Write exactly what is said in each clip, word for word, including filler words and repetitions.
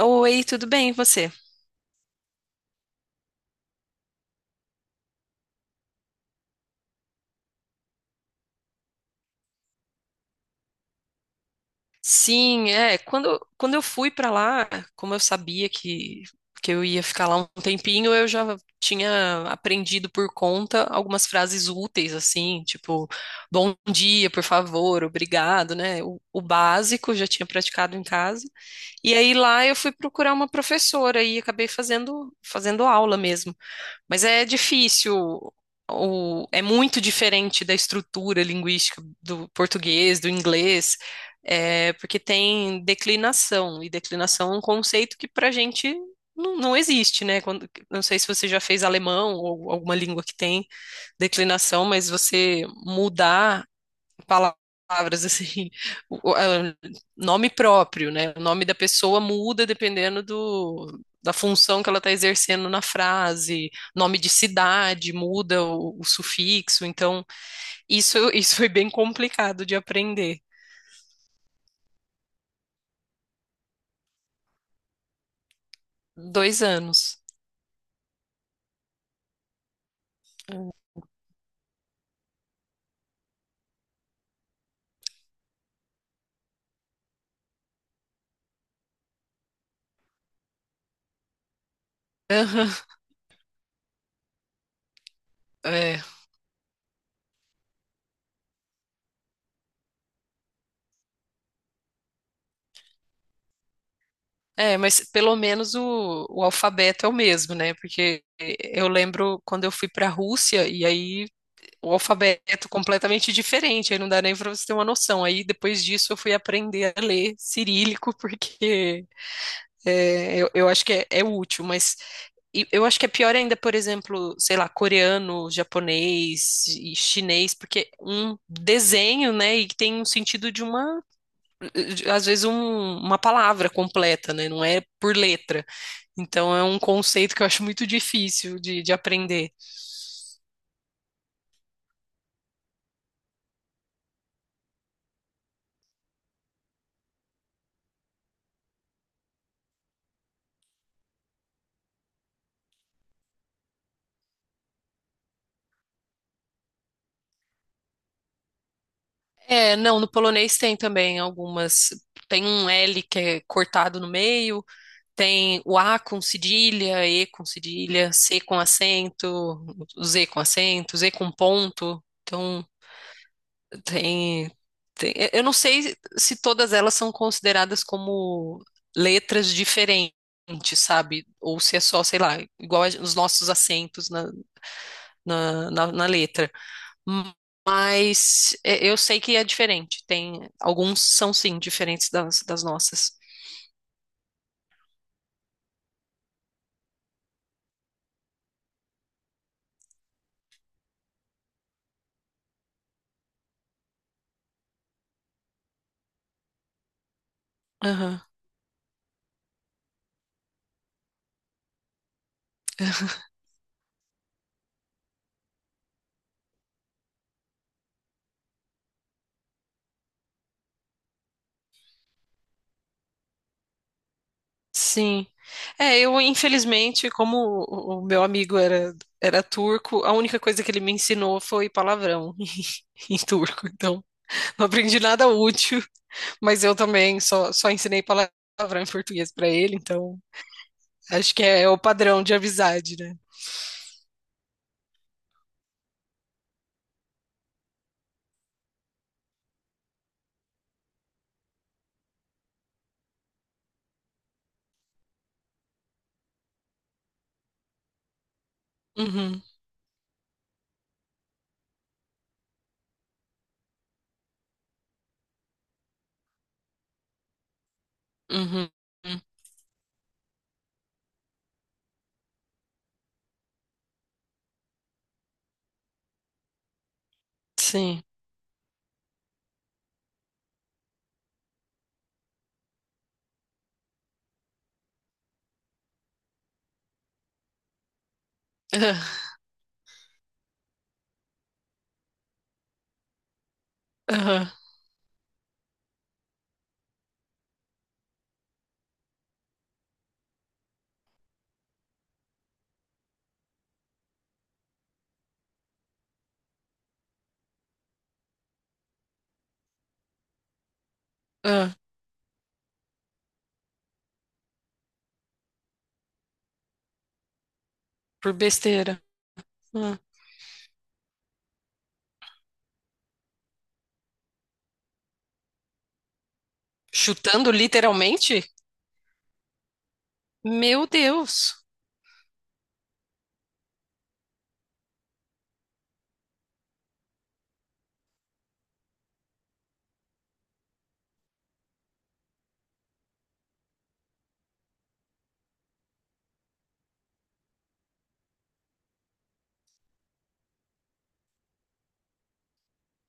Oi, tudo bem, e você? Sim, é, quando, quando eu fui pra lá, como eu sabia que, que eu ia ficar lá um tempinho, eu já tinha aprendido por conta algumas frases úteis, assim, tipo, bom dia, por favor, obrigado, né? O, o básico eu já tinha praticado em casa. E aí lá eu fui procurar uma professora e acabei fazendo, fazendo aula mesmo. Mas é difícil, o, é muito diferente da estrutura linguística do português, do inglês, é, porque tem declinação, e declinação é um conceito que para a gente não, não existe, né? Quando- não sei se você já fez alemão ou alguma língua que tem declinação, mas você mudar palavras assim, o- o- é, nome próprio, né? O nome da pessoa muda dependendo do, da função que ela está exercendo na frase, nome de cidade muda o, o sufixo, então isso, isso foi bem complicado de aprender. Dois anos. Aham. É, é, mas pelo menos o, o alfabeto é o mesmo, né? Porque eu lembro quando eu fui para a Rússia e aí o alfabeto completamente diferente, aí não dá nem para você ter uma noção. Aí depois disso eu fui aprender a ler cirílico, porque é, eu, eu acho que é, é útil, mas e eu acho que é pior ainda, por exemplo, sei lá, coreano, japonês e chinês, porque um desenho, né, e que tem um sentido de uma, de- às vezes um- uma palavra completa, né, não é por letra. Então é um conceito que eu acho muito difícil de de aprender. É, não, no polonês tem também algumas. Tem um L que é cortado no meio, tem o A com cedilha, E com cedilha, C com acento, Z com acento, Z com ponto. Então, tem, tem- Eu não sei se todas elas são consideradas como letras diferentes, sabe? Ou se é só, sei lá, igual a- os nossos acentos na, na, na na letra. Hum. Mas é, eu sei que é diferente. Tem alguns são sim diferentes das, das nossas. Aham. Sim. É, eu infelizmente, como o o meu amigo era era turco, a única coisa que ele me ensinou foi palavrão em turco. Então, não aprendi nada útil, mas eu também só só ensinei palavrão em português para ele, então acho que é, é o padrão de amizade, né? Uhum, uhum, uhum. Sim. Aham, aham, aham. Por besteira. Ah. Chutando literalmente? Meu Deus.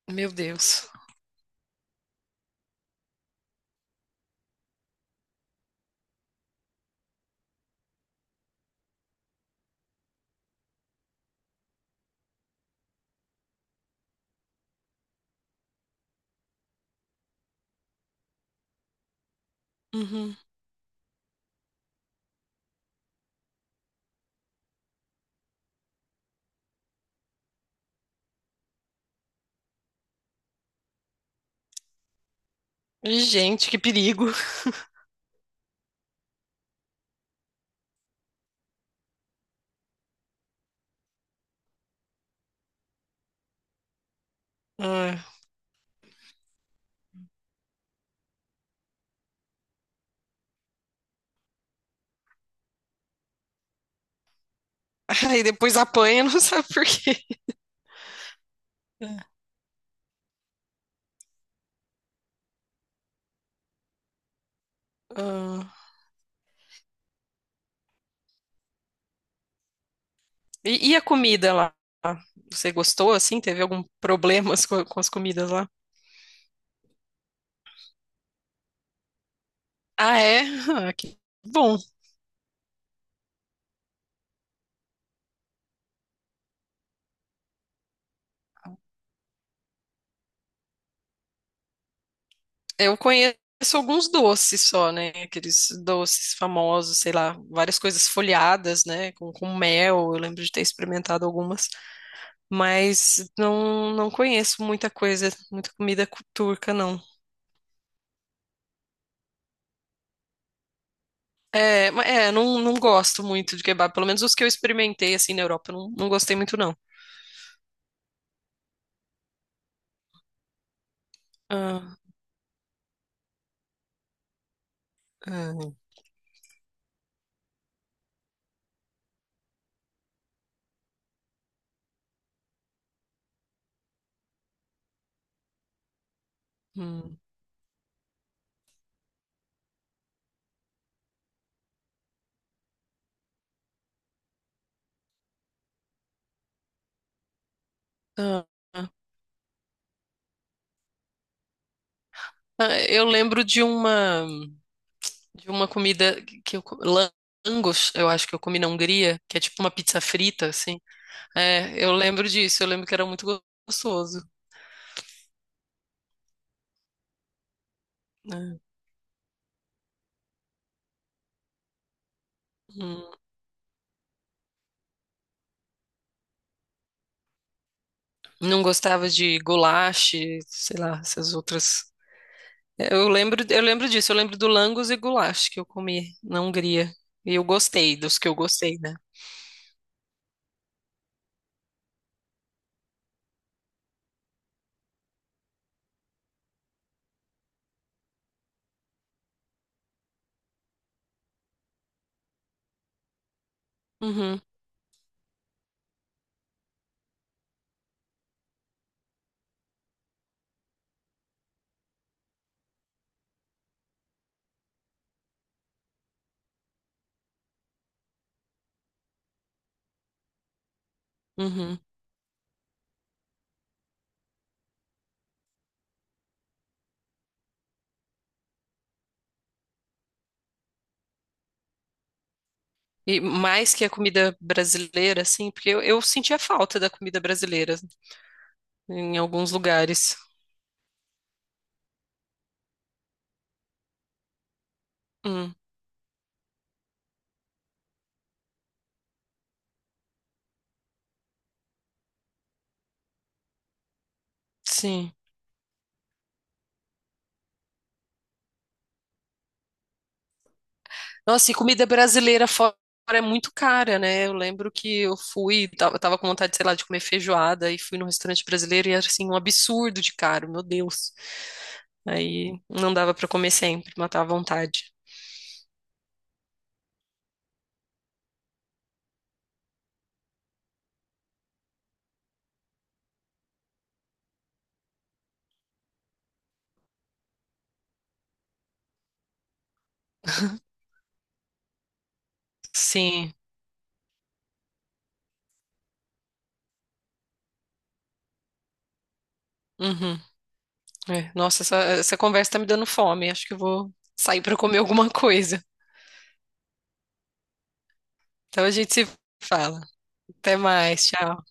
Meu Deus. Uhum. Gente, que perigo. Ah. Aí depois apanha, não sabe por quê. Ah. E, e a comida lá? Você gostou assim? Teve algum problemas com, com as comidas lá? Ah, é? Ah, que bom. Eu conheço alguns doces só, né? Aqueles doces famosos, sei lá, várias coisas folhadas, né? Com, com mel. Eu lembro de ter experimentado algumas. Mas não, não conheço muita coisa, muita comida cu- turca, não. É, ma- é não, não gosto muito de kebab. Pelo menos os que eu experimentei, assim, na Europa, eu não, não gostei muito, não. Ah, ah, hum, ah, ah. Ah, eu lembro de uma, de uma comida que eu... co- lan- Langos, eu acho que eu comi na Hungria, que é tipo uma pizza frita, assim. É, eu lembro disso, eu lembro que era muito gostoso. Né? Hum. Não gostava de goulash, sei lá, essas outras. Eu lembro, eu lembro disso, eu lembro do langos e goulash que eu comi na Hungria. E eu gostei dos que eu gostei, né? Uhum, uhum. E mais que a comida brasileira, assim, porque eu, eu sentia falta da comida brasileira em alguns lugares. Hum, sim. Nossa, e comida brasileira fora é muito cara, né? Eu lembro que eu fui, tava, tava com vontade, sei lá, de comer feijoada e fui num restaurante brasileiro e era assim, um absurdo de caro, meu Deus. Aí não dava pra comer sempre, matava a vontade. Sim. Uhum. É. Nossa, essa, essa conversa tá me dando fome. Acho que eu vou sair para comer alguma coisa. Então a gente se fala. Até mais. Tchau.